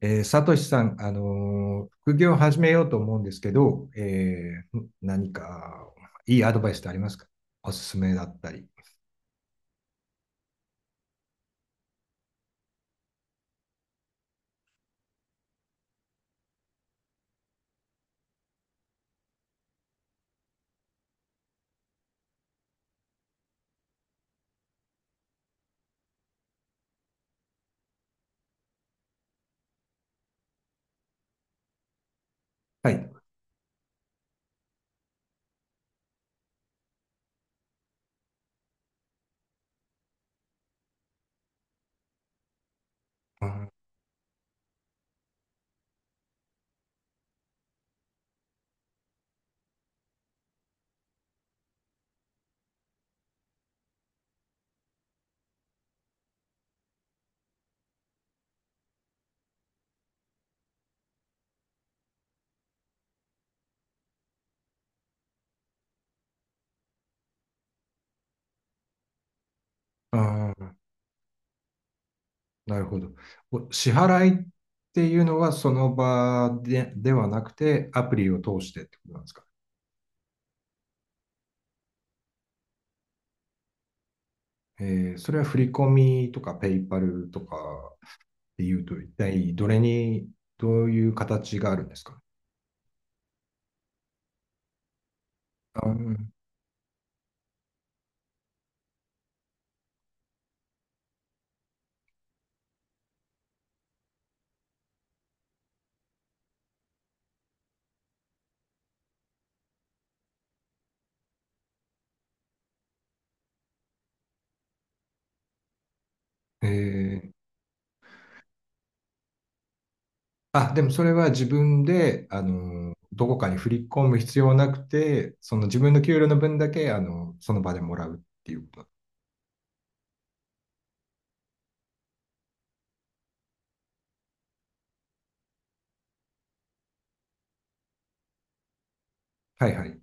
サトシさん、副業を始めようと思うんですけど、何かいいアドバイスってありますか？おすすめだったり。はい。ああー、なるほど。お支払いっていうのはその場で、ではなくて、アプリを通してってことなんですか？それは振り込みとかペイパルとかっていうと、一体どれに、どういう形があるんですか？あー、え、あ、でもそれは自分で、あの、どこかに振り込む必要はなくて、その自分の給料の分だけ、あの、その場でもらうっていうこと。はいはい。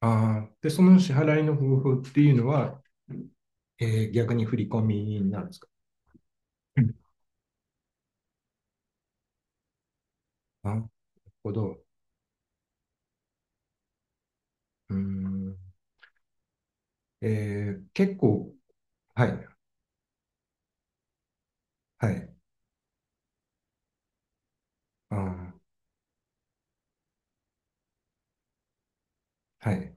ああ、で、その支払いの方法っていうのは、えー逆に振り込みになるんですか？うん、なるほど。うーん。えー結構、はい、はい、あー、はい、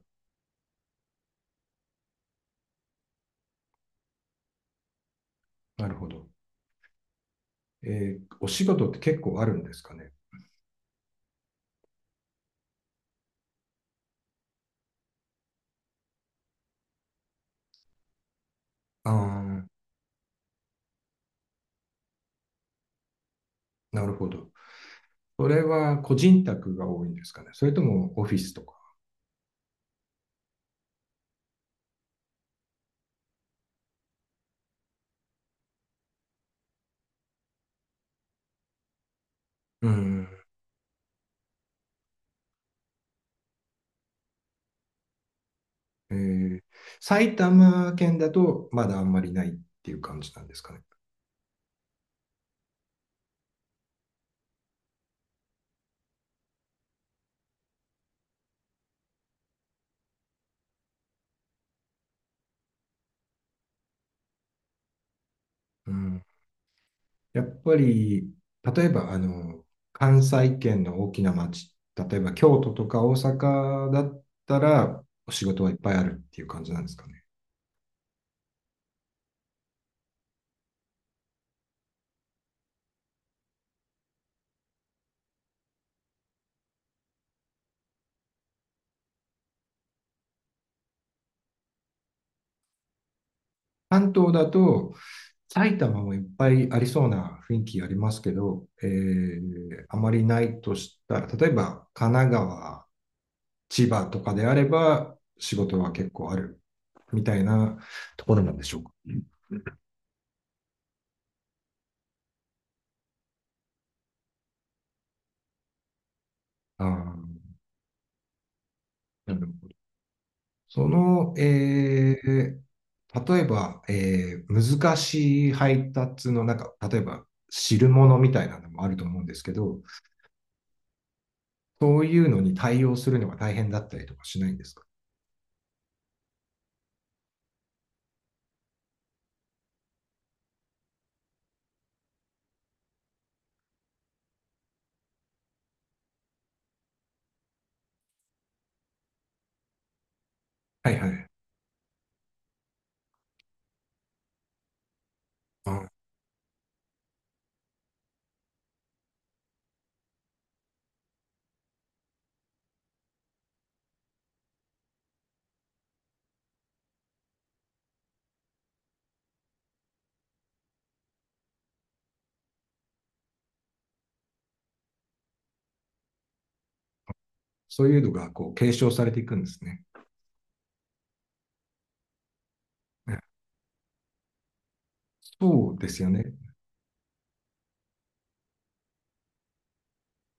なるほど。えーお仕事って結構あるんですかね？ああ、なるほど。それは個人宅が多いんですかね？それともオフィスとか。うん。えー、埼玉県だとまだあんまりないっていう感じなんですかね。うん。やっぱり、例えば、あの、関西圏の大きな町、例えば京都とか大阪だったら、お仕事はいっぱいあるっていう感じなんですかね。関東だと、埼玉もいっぱいありそうな雰囲気ありますけど、えー、あまりないとしたら、例えば神奈川、千葉とかであれば仕事は結構あるみたいなところなんでしょうか。あー、なるほど。その、えー例えば、えー難しい配達の中、例えば汁物みたいなのもあると思うんですけど、そういうのに対応するのが大変だったりとかしないんですか？はいはい。あ、そういうのがこう継承されていくんですね。ね、そうですよね。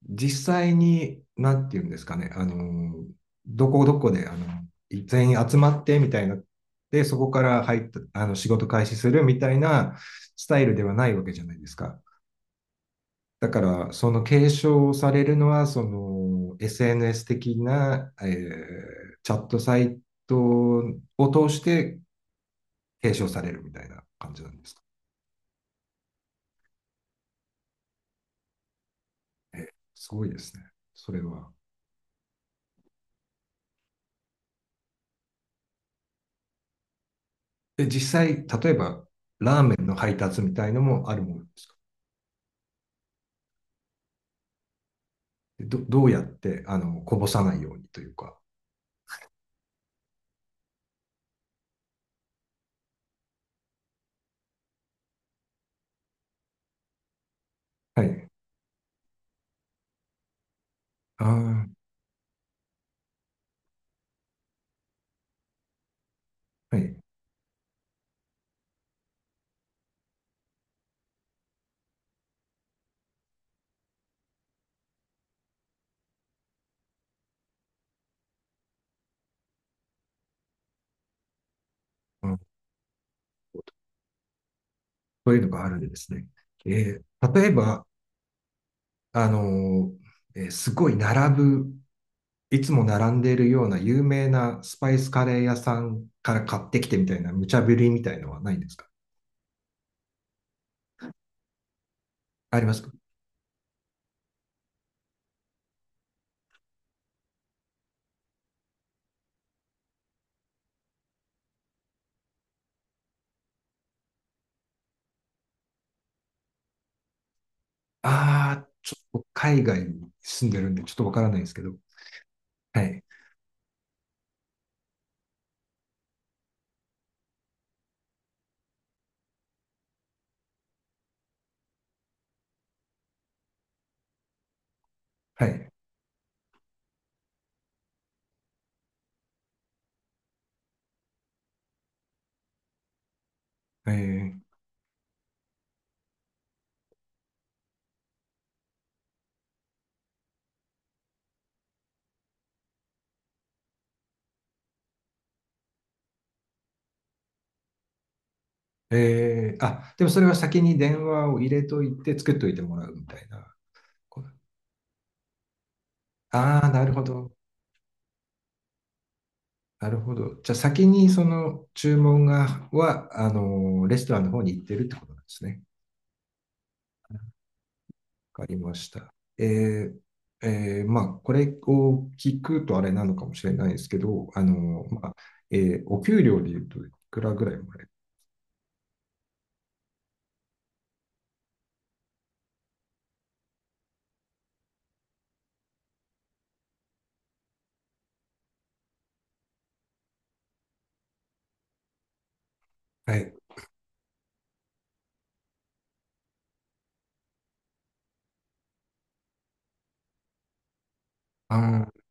実際に、なんていうんですかね、あの、どこどこで、あの、全員集まってみたいな、で、そこから入った、あの、仕事開始するみたいなスタイルではないわけじゃないですか。だから、その継承されるのは、その、SNS 的な、えーチャットサイトを通して継承されるみたいな感じなんですか。すごいですね。それは。で、実際、例えば、ラーメンの配達みたいのもあるものですか？ど、どうやってあのこぼさないようにというか、はい、ああ、はい、うん、そういうのがあるんですね。えー例えば、あのえーすごい並ぶ、いつも並んでいるような有名なスパイスカレー屋さんから買ってきてみたいな無茶ぶりみたいのはないんですか？ありますか？ああー、ちょっと海外に住んでるんでちょっとわからないんですけど。はい、はい。えー、えー、あ、でもそれは先に電話を入れといて作っといてもらうみたいな。ああ、なるほど。なるほど。じゃあ先にその注文が、は、あの、レストランの方に行ってるってことなんですね。わかりました。えー、えーまあ、これを聞くとあれなのかもしれないですけど、あの、まあ、えーお給料で言うといくらぐらいもらえる？はい。ああ、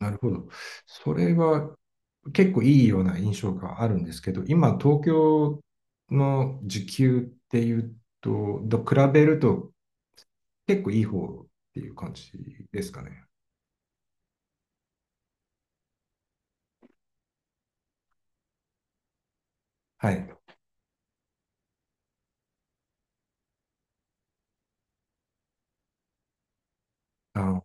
なるほど。それは結構いいような印象があるんですけど、今、東京の時給っていうと、と比べると結構いい方っていう感じですかね。はい。あ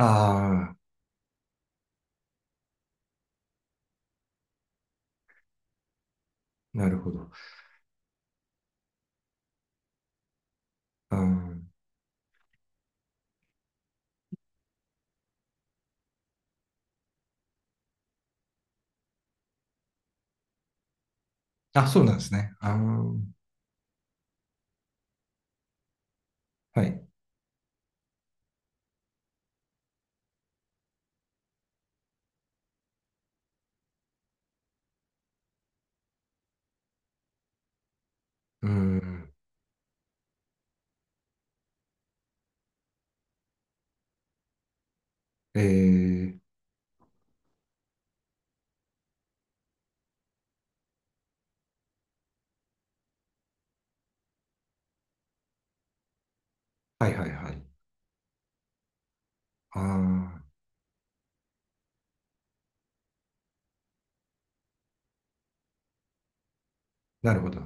あー、なるほど。あー、あ、そうなんですね。あー、はい。うん。えー、はいはいはい。ああ、なるほど。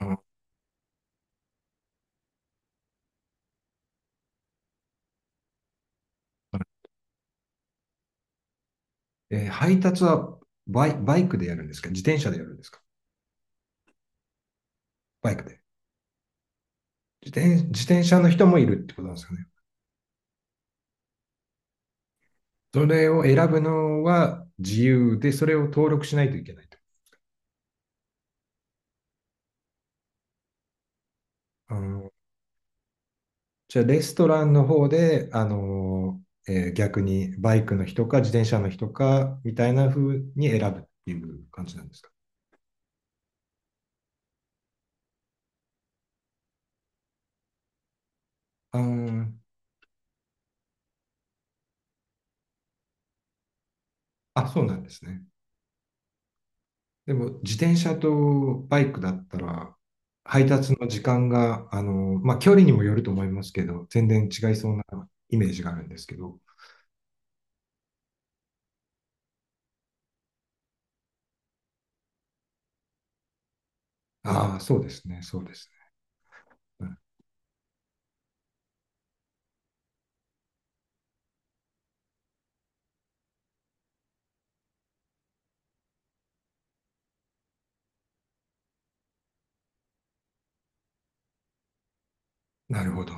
あ、えー配達はバイ、バイクでやるんですか？自転車でやるんですか？バイクで。自転、自転車の人もいるってことなんですかね。それを選ぶのは自由で、それを登録しないといけないと。じゃあ、レストランの方で、あのーえー逆にバイクの人か自転車の人かみたいな風に選ぶっていう感じなんですか？あー、あ、そうなんですね。でも、自転車とバイクだったら、配達の時間が、まあ、距離にもよると思いますけど、全然違いそうなイメージがあるんですけど、ああ、そうですね、そうですね。うん、なるほど。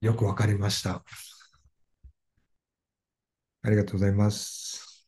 よくわかりました。ありがとうございます。